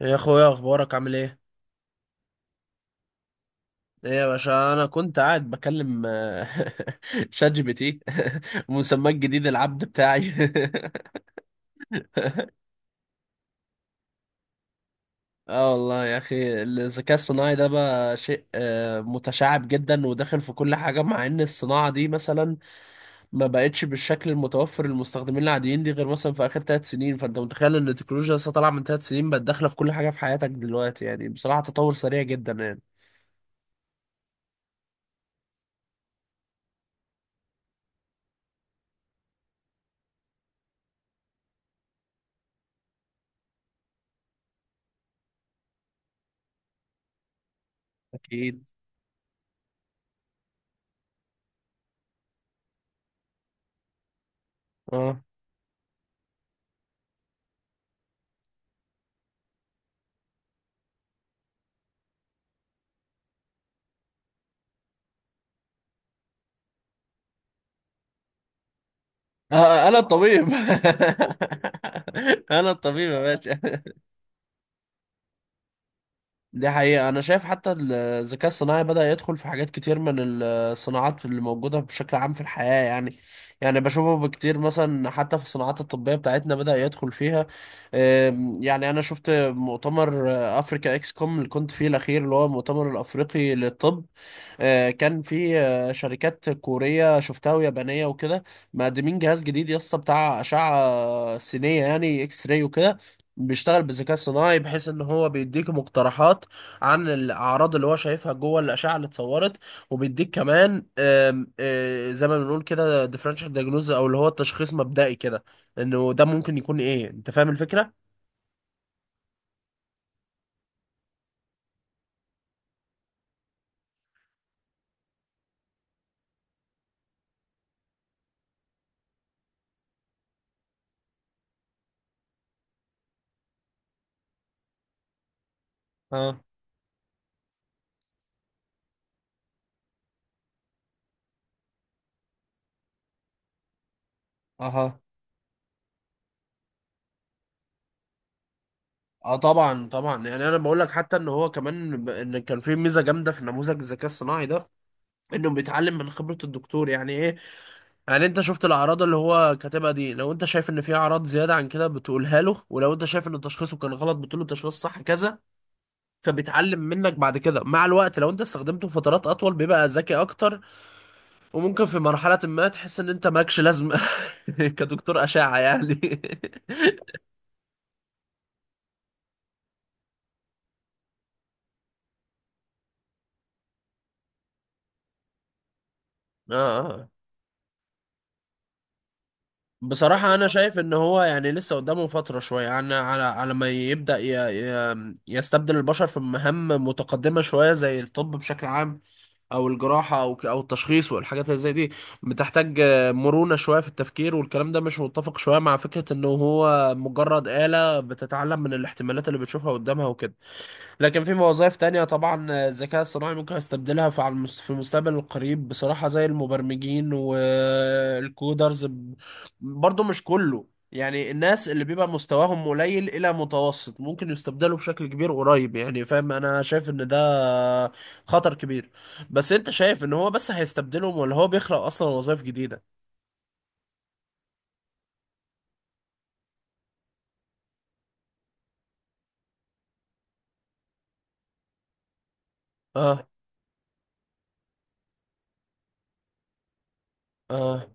يا اخويا، اخبارك عامل ايه؟ ايه يا باشا؟ انا كنت قاعد بكلم شات جي بي تي. مسماه الجديد العبد بتاعي. اه والله يا اخي، الذكاء الصناعي ده بقى شيء متشعب جدا وداخل في كل حاجه، مع ان الصناعه دي مثلا ما بقتش بالشكل المتوفر للمستخدمين العاديين دي غير مثلا في اخر ثلاث سنين. فانت متخيل ان التكنولوجيا لسه طالعه من ثلاث سنين بقت داخله في كل حاجه في حياتك دلوقتي؟ يعني بصراحه تطور سريع جدا يعني. اكيد. اه. انا الطبيب. انا الطبيب يا باشا. دي حقيقة، انا شايف حتى الذكاء الصناعي بدأ يدخل في حاجات كتير من الصناعات اللي موجودة بشكل عام في الحياة يعني. يعني بشوفه بكتير مثلا حتى في الصناعات الطبية بتاعتنا بدأ يدخل فيها. يعني انا شفت مؤتمر افريكا اكس كوم اللي كنت فيه الاخير، اللي هو المؤتمر الافريقي للطب. كان في شركات كورية شفتها ويابانية وكده، مقدمين جهاز جديد يا اسطى بتاع أشعة سينية، يعني اكس راي وكده، بيشتغل بالذكاء الصناعي، بحيث ان هو بيديك مقترحات عن الاعراض اللي هو شايفها جوه الاشعه اللي اتصورت. وبيديك كمان آم، آه، زي ما بنقول كده ديفرنشال دايجنوز، او اللي هو التشخيص مبدئي كده، انه ده ممكن يكون ايه. انت فاهم الفكره؟ اه. اها. اه طبعا طبعا. يعني انا بقول لك حتى ان هو كمان ان كان في ميزه جامده في نموذج الذكاء الصناعي ده، انه بيتعلم من خبره الدكتور. يعني ايه؟ يعني انت شفت الاعراض اللي هو كاتبها دي، لو انت شايف ان في اعراض زياده عن كده بتقولها له، ولو انت شايف ان تشخيصه كان غلط بتقول له تشخيص صح كذا، فبيتعلم منك بعد كده مع الوقت. لو انت استخدمته فترات اطول بيبقى ذكي اكتر، وممكن في مرحله ما تحس ان انت مالكش لازمه كدكتور اشعه يعني. اه. بصراحة أنا شايف إن هو يعني لسه قدامه فترة شوية، يعني على ما يبدأ يستبدل البشر في مهام متقدمة شوية زي الطب بشكل عام، أو الجراحة، أو التشخيص والحاجات اللي زي دي. بتحتاج مرونة شوية في التفكير، والكلام ده مش متفق شوية مع فكرة إنه هو مجرد آلة بتتعلم من الاحتمالات اللي بتشوفها قدامها وكده. لكن في وظائف تانية طبعا الذكاء الصناعي ممكن يستبدلها في في المستقبل القريب بصراحة، زي المبرمجين والكودرز. برضو مش كله، يعني الناس اللي بيبقى مستواهم قليل إلى متوسط ممكن يستبدلوا بشكل كبير قريب يعني، فاهم؟ أنا شايف إن ده خطر كبير. بس أنت شايف إن هو بس هيستبدلهم، ولا هو بيخلق أصلا وظائف جديدة؟ اه. اه.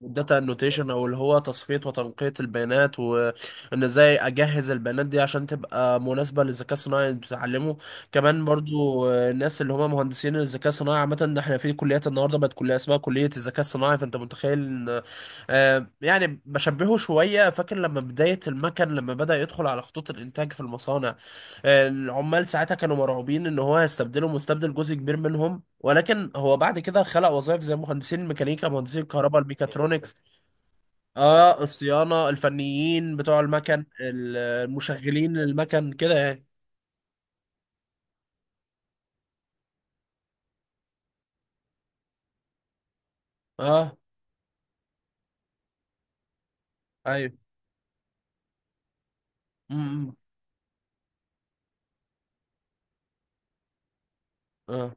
داتا انوتيشن، او اللي هو تصفية وتنقية البيانات، وان ازاي اجهز البيانات دي عشان تبقى مناسبة للذكاء الصناعي اللي بتتعلمه. كمان برضو الناس اللي هم مهندسين الذكاء الصناعي عامة. إن احنا في كليات النهاردة بقت كلية اسمها كلية الذكاء الصناعي، فانت متخيل ان يعني بشبهه شوية. فاكر لما بداية المكن لما بدأ يدخل على خطوط الانتاج في المصانع، العمال ساعتها كانوا مرعوبين ان هو هيستبدله، مستبدل جزء كبير منهم، ولكن هو بعد كده خلق وظائف زي مهندسين الميكانيكا، مهندسين الكهرباء، الميكاترونكس. اه الصيانة، الفنيين بتوع المكن، المشغلين المكن كده يعني. اه. ايوه. امم. اه.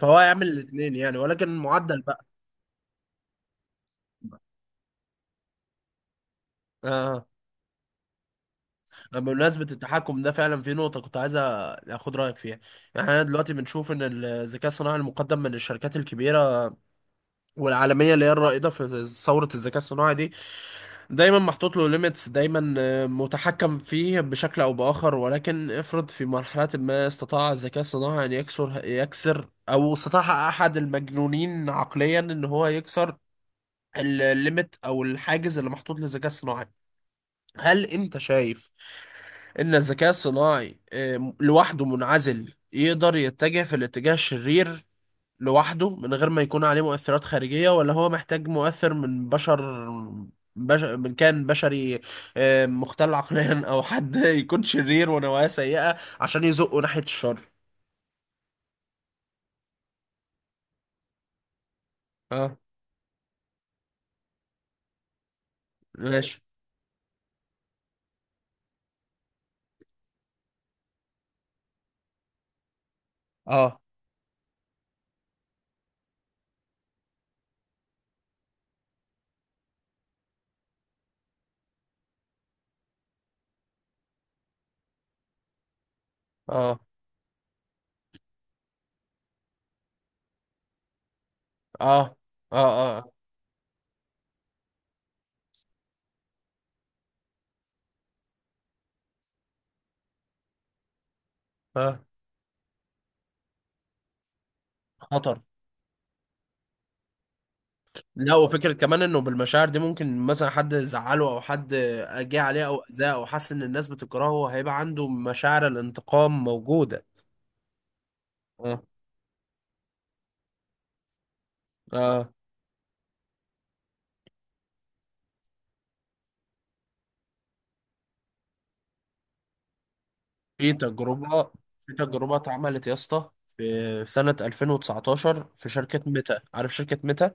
فهو يعمل الاثنين يعني، ولكن المعدل بقى. اه. آه. بمناسبة التحكم ده فعلا في نقطة كنت عايز اخد رأيك فيها. يعني احنا دلوقتي بنشوف ان الذكاء الصناعي المقدم من الشركات الكبيرة والعالمية، اللي هي الرائدة في ثورة الذكاء الصناعي دي، دايما محطوط له ليميتس، دايما متحكم فيه بشكل او باخر. ولكن افرض في مرحله ما استطاع الذكاء الصناعي ان يكسر، او استطاع احد المجنونين عقليا ان هو يكسر الليميت او الحاجز اللي محطوط للذكاء الصناعي، هل انت شايف ان الذكاء الصناعي لوحده منعزل يقدر يتجه في الاتجاه الشرير لوحده، من غير ما يكون عليه مؤثرات خارجية؟ ولا هو محتاج مؤثر من بشر، من كان بشري مختل عقليا او حد يكون شرير ونوايا سيئة عشان يزقه ناحية الشر؟ اه. ماشي. اه. اه. اه. اه. اه. اه. خطر. لا، وفكرة كمان انه بالمشاعر دي ممكن مثلا حد زعله، او حد جه عليه او اذاه، او حس ان الناس بتكرهه، هيبقى عنده مشاعر الانتقام موجودة. اه. اه. في تجربة في تجربة اتعملت يا اسطى، في سنة 2019 في شركة ميتا. عارف شركة ميتا؟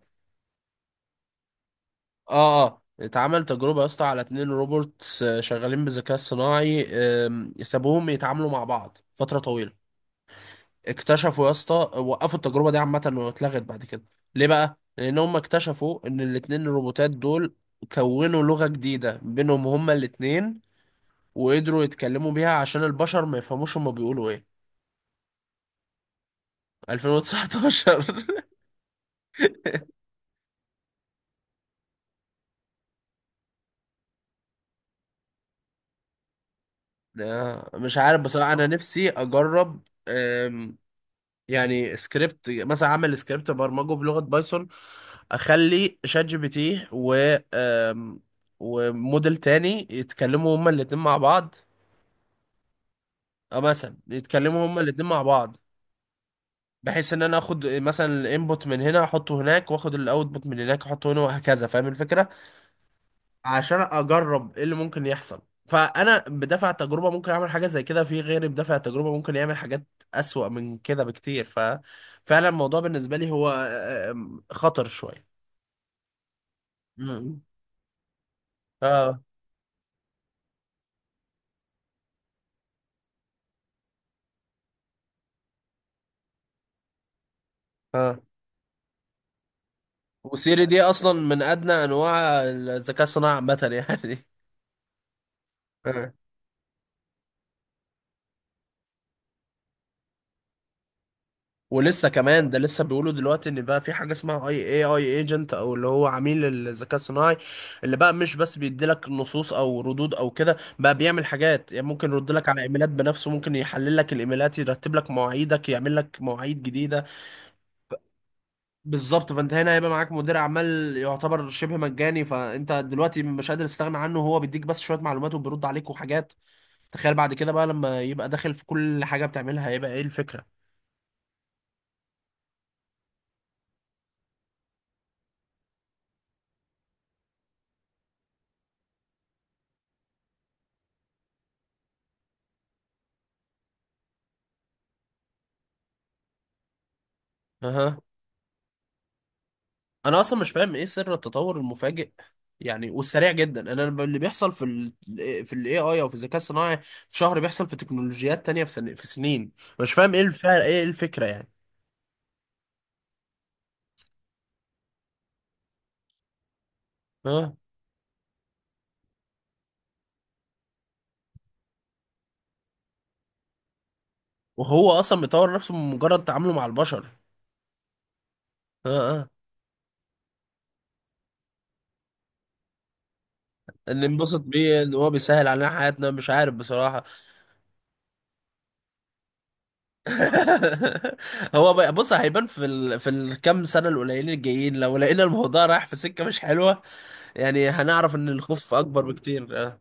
اه. اه. اتعمل تجربة يا اسطى على اتنين روبوتس شغالين بالذكاء الصناعي. سابوهم يتعاملوا مع بعض فترة طويلة. اكتشفوا يا اسطى، وقفوا التجربة دي عامة واتلغت بعد كده. ليه بقى؟ لأن هم اكتشفوا إن الاتنين الروبوتات دول كونوا لغة جديدة بينهم هما الاتنين، وقدروا يتكلموا بيها عشان البشر ما يفهموش هما بيقولوا ايه. 2019. مش عارف بصراحة. أنا نفسي أجرب يعني سكريبت مثلا، أعمل سكريبت برمجه بلغة بايثون، أخلي شات جي بي تي و آم، وموديل تاني يتكلموا هما الاتنين مع بعض، أو مثلا يتكلموا هما الاتنين مع بعض، بحيث إن أنا آخد مثلا الانبوت من هنا أحطه هناك، وآخد الاوتبوت من هناك أحطه هنا، وهكذا. فاهم الفكرة؟ عشان اجرب ايه اللي ممكن يحصل. فانا بدافع التجربه ممكن اعمل حاجه زي كده، في غيري بدافع التجربه ممكن يعمل حاجات اسوأ من كده بكتير. ففعلا الموضوع بالنسبه لي هو خطر شويه. مم. اه. اه. وسيري دي اصلا من ادنى انواع الذكاء الصناعي عامه يعني. ولسه كمان، ده لسه بيقولوا دلوقتي ان بقى في حاجه اسمها اي اي اي ايجنت، او اللي هو عميل الذكاء الصناعي، اللي بقى مش بس بيديلك نصوص او ردود او كده، بقى بيعمل حاجات يعني. ممكن يرد لك على ايميلات بنفسه، ممكن يحلل لك الايميلات، يرتب لك مواعيدك، يعمل لك مواعيد جديده. بالظبط. فانت هنا هيبقى معاك مدير اعمال يعتبر شبه مجاني. فانت دلوقتي مش قادر تستغنى عنه، هو بيديك بس شويه معلومات وبيرد عليك وحاجات. تخيل بعد كده بقى لما يبقى داخل في كل حاجه بتعملها، هيبقى ايه الفكره. اها. انا اصلا مش فاهم ايه سر التطور المفاجئ، يعني والسريع جدا. انا اللي بيحصل في الاي اي، او في الذكاء الصناعي في شهر، بيحصل في تكنولوجيات تانية في سن في سنين. مش فاهم ايه الفعل، ايه الفكرة يعني. اه. وهو اصلا بيطور نفسه من مجرد تعامله مع البشر. اه. اه. اللي انبسط بيه ان هو بيسهل علينا حياتنا. مش عارف بصراحة. بص، هيبان في في الكام سنة القليلين الجايين. لو لقينا الموضوع رايح في سكة مش حلوة، يعني هنعرف ان الخوف اكبر بكتير آه.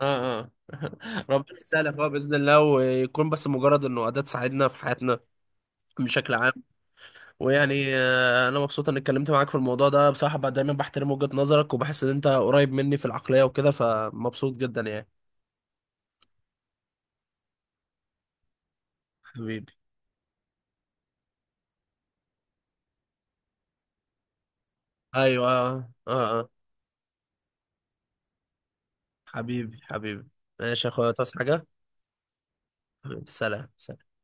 اه. اه. ربنا يسهل يا اخويا باذن الله، ويكون بس مجرد انه اداه تساعدنا في حياتنا بشكل عام. ويعني انا مبسوط اني اتكلمت معاك في الموضوع ده بصراحه. بقى دايما بحترم وجهه نظرك وبحس ان انت قريب مني في العقليه وكده، فمبسوط جدا يعني. حبيبي. ايوه. اه. اه. آه. حبيبي حبيبي. ماشي يا اخويا، تصحى حاجه. حبيبي. سلام سلام.